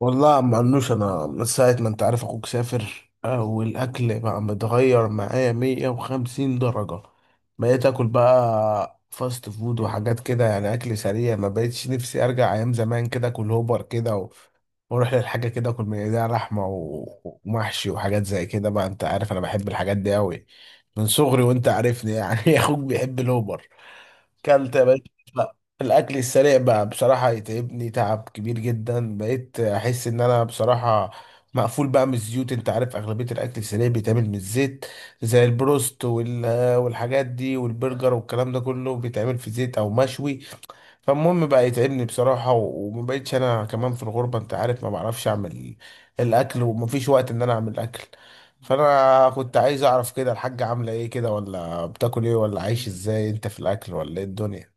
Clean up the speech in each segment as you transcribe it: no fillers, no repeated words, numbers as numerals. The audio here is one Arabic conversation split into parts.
والله ما عنوش انا من ساعة ما انت عارف اخوك سافر، والاكل بقى متغير معايا 150 درجة. بقيت اكل بقى فاست فود وحاجات كده يعني اكل سريع ما بقيتش نفسي ارجع ايام زمان كده اكل هوبر كده واروح للحاجة كده اكل من ايديها لحمة ومحشي وحاجات زي كده بقى انت عارف انا بحب الحاجات دي اوي من صغري وانت عارفني يعني اخوك بيحب الهوبر. كلت يا باشا؟ لا، الاكل السريع بقى بصراحه يتعبني تعب كبير جدا، بقيت احس ان انا بصراحه مقفول بقى من الزيوت. انت عارف اغلبيه الاكل السريع بيتعمل من الزيت، زي البروست والحاجات دي والبرجر والكلام ده كله بيتعمل في زيت او مشوي. فالمهم بقى يتعبني بصراحة، وما بقتش انا كمان في الغربة انت عارف ما بعرفش اعمل الاكل، ومفيش وقت ان انا اعمل اكل. فانا كنت عايز اعرف كده الحاجة عاملة ايه كده، ولا بتاكل ايه، ولا عايش ازاي انت في الاكل، ولا ايه الدنيا.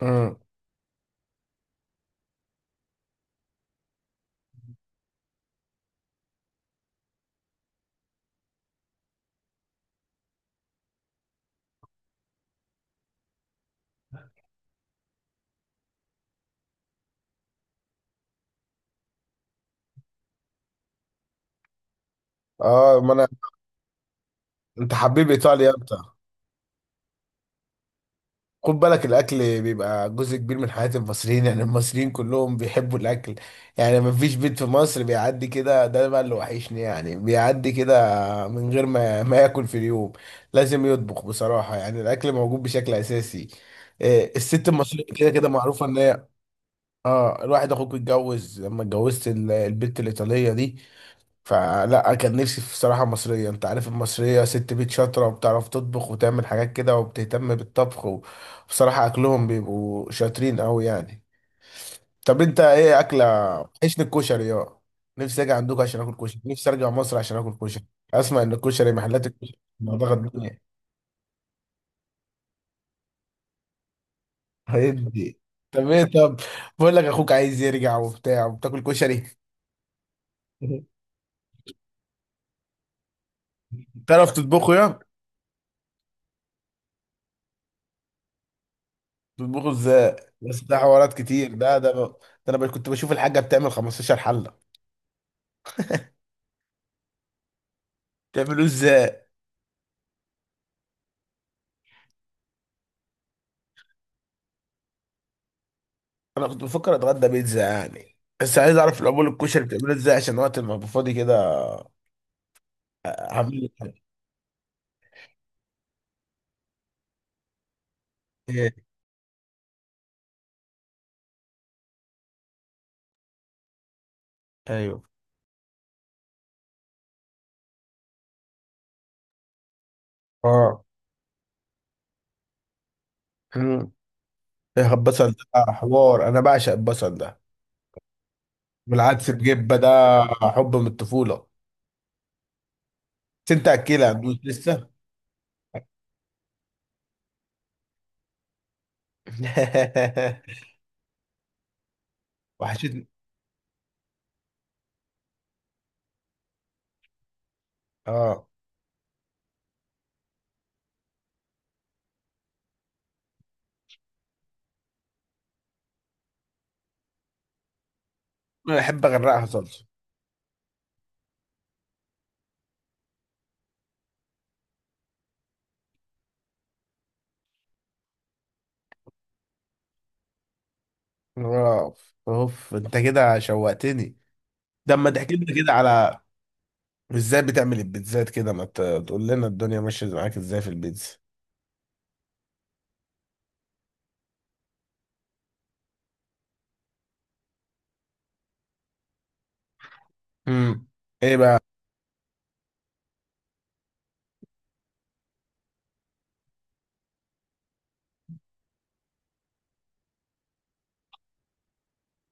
امم اه ما انا. انت حبيب ايطاليا انت. خد بالك الاكل بيبقى جزء كبير من حياة المصريين، يعني المصريين كلهم بيحبوا الاكل. يعني ما فيش بيت في مصر بيعدي كده، ده بقى اللي وحشني، يعني بيعدي كده من غير ما ما ياكل في اليوم لازم يطبخ بصراحة. يعني الاكل موجود بشكل اساسي. إيه، الست المصرية كده كده معروفة ان هي اه الواحد اخوك اتجوز لما اتجوزت البنت الايطالية دي، فلا كان نفسي في صراحة مصرية. انت عارف المصرية ست بيت شاطرة، وبتعرف تطبخ وتعمل حاجات كده وبتهتم بالطبخ، وبصراحة اكلهم بيبقوا شاطرين قوي يعني. طب انت ايه اكلة؟ عيشني الكشري، اه. نفسي اجي عندكم عشان اكل كشري، نفسي ارجع مصر عشان اكل كشري. اسمع ان الكشري محلات الكشري مضغة الدنيا. هيدي طب ايه طب، بقول لك اخوك عايز يرجع وبتاع وبتاكل كشري. تعرف تطبخه يا؟ بتطبخوا ازاي؟ بس ده حوارات كتير ده. كنت بشوف الحاجه بتعمل 15 حله. بتعملوه ازاي؟ انا كنت بفكر اتغدى بيتزا يعني، بس عايز اعرف العمول الكشري بتعمله ازاي عشان وقت ما ابقى فاضي كده اعمل. ايه ايوه. اه. مم. ايه البصل ده؟ آه، حوار، انا بعشق البصل ده. والعدس بجبه ده، حب من الطفوله. بس انت اكلها مش لسه؟ وحشتني. اه انا بحب اغرقها صلصه. اوف اوف، انت كده شوقتني. ده اما تحكي لنا كده على ازاي بتعمل البيتزات كده، ما ت- تقول لنا الدنيا ماشيه معاك ازاي في البيتزا. امم ايه بقى؟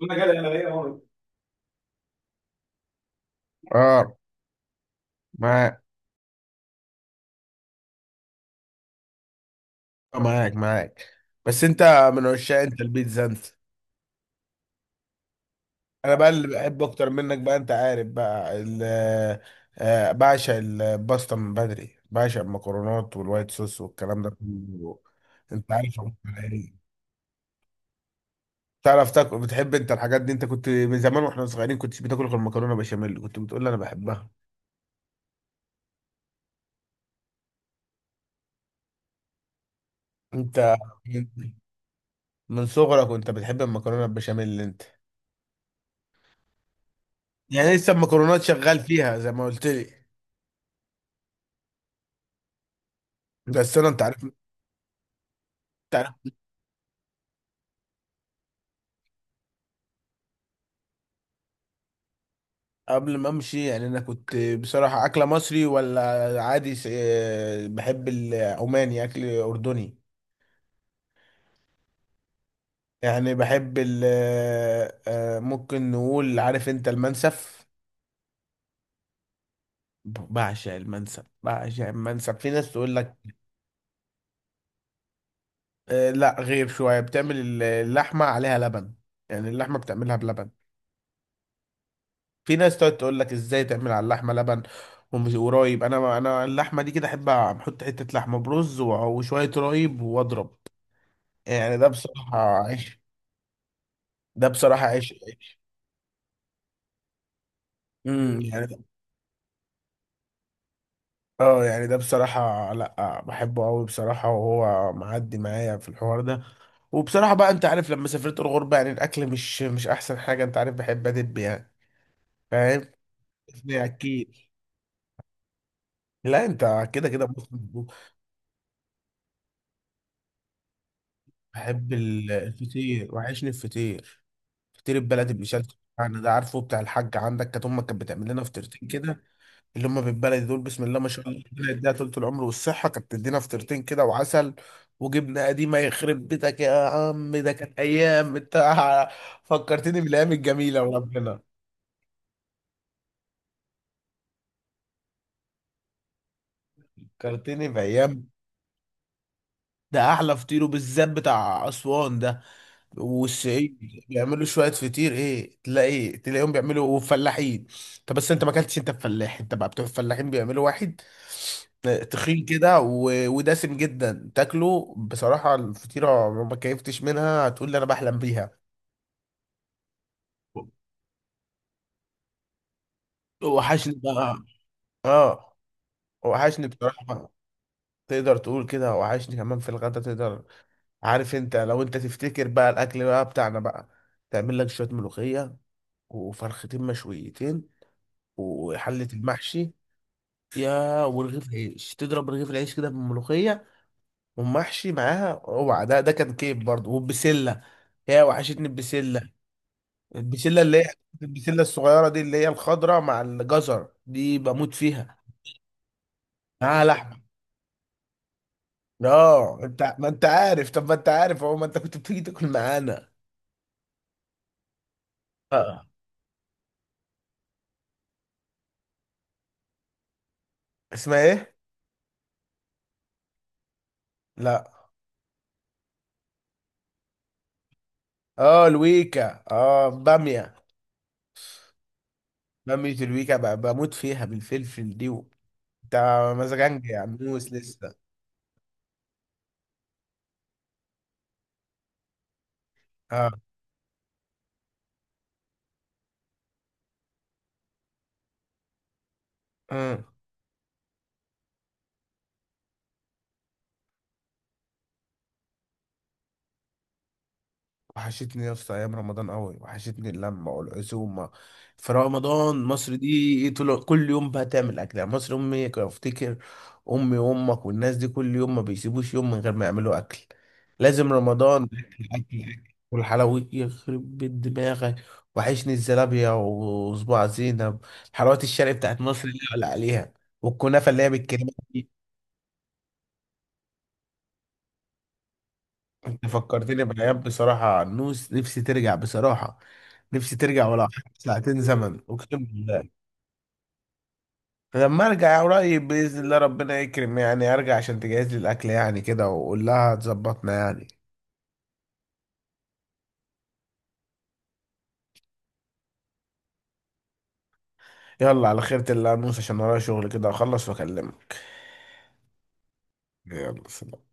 انا ليا مرة. اه معاك. آه، معاك. بس انت من عشاق انت البيتزا انت. انا بقى اللي بحب اكتر منك بقى، انت عارف بقى ال آه، بعشق الباستا من بدري، بعشق المكرونات والوايت صوص والكلام ده كله. انت عارف أنا بقول ايه؟ تعرف تاكل، بتحب انت الحاجات دي، انت كنت من زمان واحنا صغيرين كنتش بتاكل غير المكرونه بشاميل، كنت بتقول لي انا بحبها. انت من من صغرك وانت بتحب المكرونه البشاميل اللي انت، يعني لسه المكرونات شغال فيها زي ما قلت لي. بس انا انت عارف، عارف قبل ما امشي يعني انا كنت بصراحه اكله مصري ولا عادي. بحب العماني اكل اردني، يعني بحب ال آه، آه، ممكن نقول عارف انت المنسف. بعشق المنسف، بعشق المنسف. في ناس تقول لك آه، لا غير شويه بتعمل اللحمه عليها لبن، يعني اللحمه بتعملها بلبن. في ناس تقعد تقول لك ازاي تعمل على اللحمه لبن ومش ورايب؟ انا، اللحمه دي كده احب احط حته لحمه برز وشويه رايب واضرب. يعني ده بصراحه عيش، ده بصراحه عيش عيش. امم يعني ده- اه يعني ده بصراحه، لا بحبه قوي بصراحه، وهو معدي معايا في الحوار ده. وبصراحه بقى انت عارف لما سافرت الغربه، يعني الاكل مش مش احسن حاجه، انت عارف بحب ادب يعني، فاهم. اكيد. لا انت كده كده بص، بحب الفطير، وحشني الفطير. فطير البلدي بمشلتت يعني، ده عارفه بتاع الحاج عندك، كانت امك كانت بتعمل لنا فطيرتين كده، اللي هم بالبلدي دول بسم الله ما شاء الله ربنا يديها طول العمر والصحه. كانت تدينا فطيرتين كده وعسل وجبنه قديمه، يخرب بيتك يا عم، ده كانت ايام انت. فكرتني بالايام الجميله وربنا، فكرتني بايام. ده احلى فطير، وبالذات بتاع اسوان ده والشعير. بيعملوا شويه فطير ايه، تلاقي تلاقيهم بيعملوا فلاحين. طب بس انت ما اكلتش انت الفلاح انت بقى، بتوع الفلاحين بيعملوا واحد آه، تخين كده ودسم جدا، تاكله بصراحه الفطيره ما كيفتش منها، هتقول لي انا بحلم بيها. وحشني بقى. اه وحشني بصراحة. تقدر تقول كده، وحشني كمان في الغدا تقدر. عارف انت، لو انت تفتكر بقى الاكل بقى بتاعنا بقى، تعمل لك شوية ملوخية وفرختين مشويتين وحلة المحشي، يا ورغيف عيش تضرب رغيف العيش كده بالملوخية، ومحشي معاها، اوعى ده ده كان كيف برضه. والبسلة، يا وحشتني البسلة، البسلة اللي هي البسلة الصغيرة دي اللي هي الخضرة مع الجزر دي، بموت فيها، معاها لحمة. اه انت ما انت عارف، طب ما انت عارف اهو، ما انت كنت بتيجي تاكل معانا. اه. اسمها ايه؟ لا. اه الويكا، اه بامية، بامية الويكا، بموت فيها بالفلفل دي و-. انت مزاجنج يا عموس لسه. اه. آه. وحشتني يا اسطى ايام رمضان قوي، وحشتني اللمه والعزومه في رمضان. مصر دي طول كل يوم بقى تعمل اكل، يعني مصر امي كنت افتكر، امي وامك والناس دي كل يوم ما بيسيبوش يوم من غير ما يعملوا اكل، لازم رمضان اكل اكل اكل. والحلويات يخرب بيت دماغك، وحشني الزلابيه وصباع زينب، الحلويات الشرقي بتاعت مصر اللي ولا عليها، والكنافه اللي هي بالكريمه. فكرتني بأيام بصراحة، نوس نفسي ترجع بصراحة، نفسي ترجع ولو حتى 2 ساعة زمن أقسم بالله. لما أرجع قريب بإذن الله ربنا يكرم، يعني أرجع عشان تجهز لي الأكل يعني كده، وأقول لها تظبطنا يعني. يلا على خيرة الله يا نوس، عشان ورايا شغل كده أخلص وأكلمك. يلا سلام.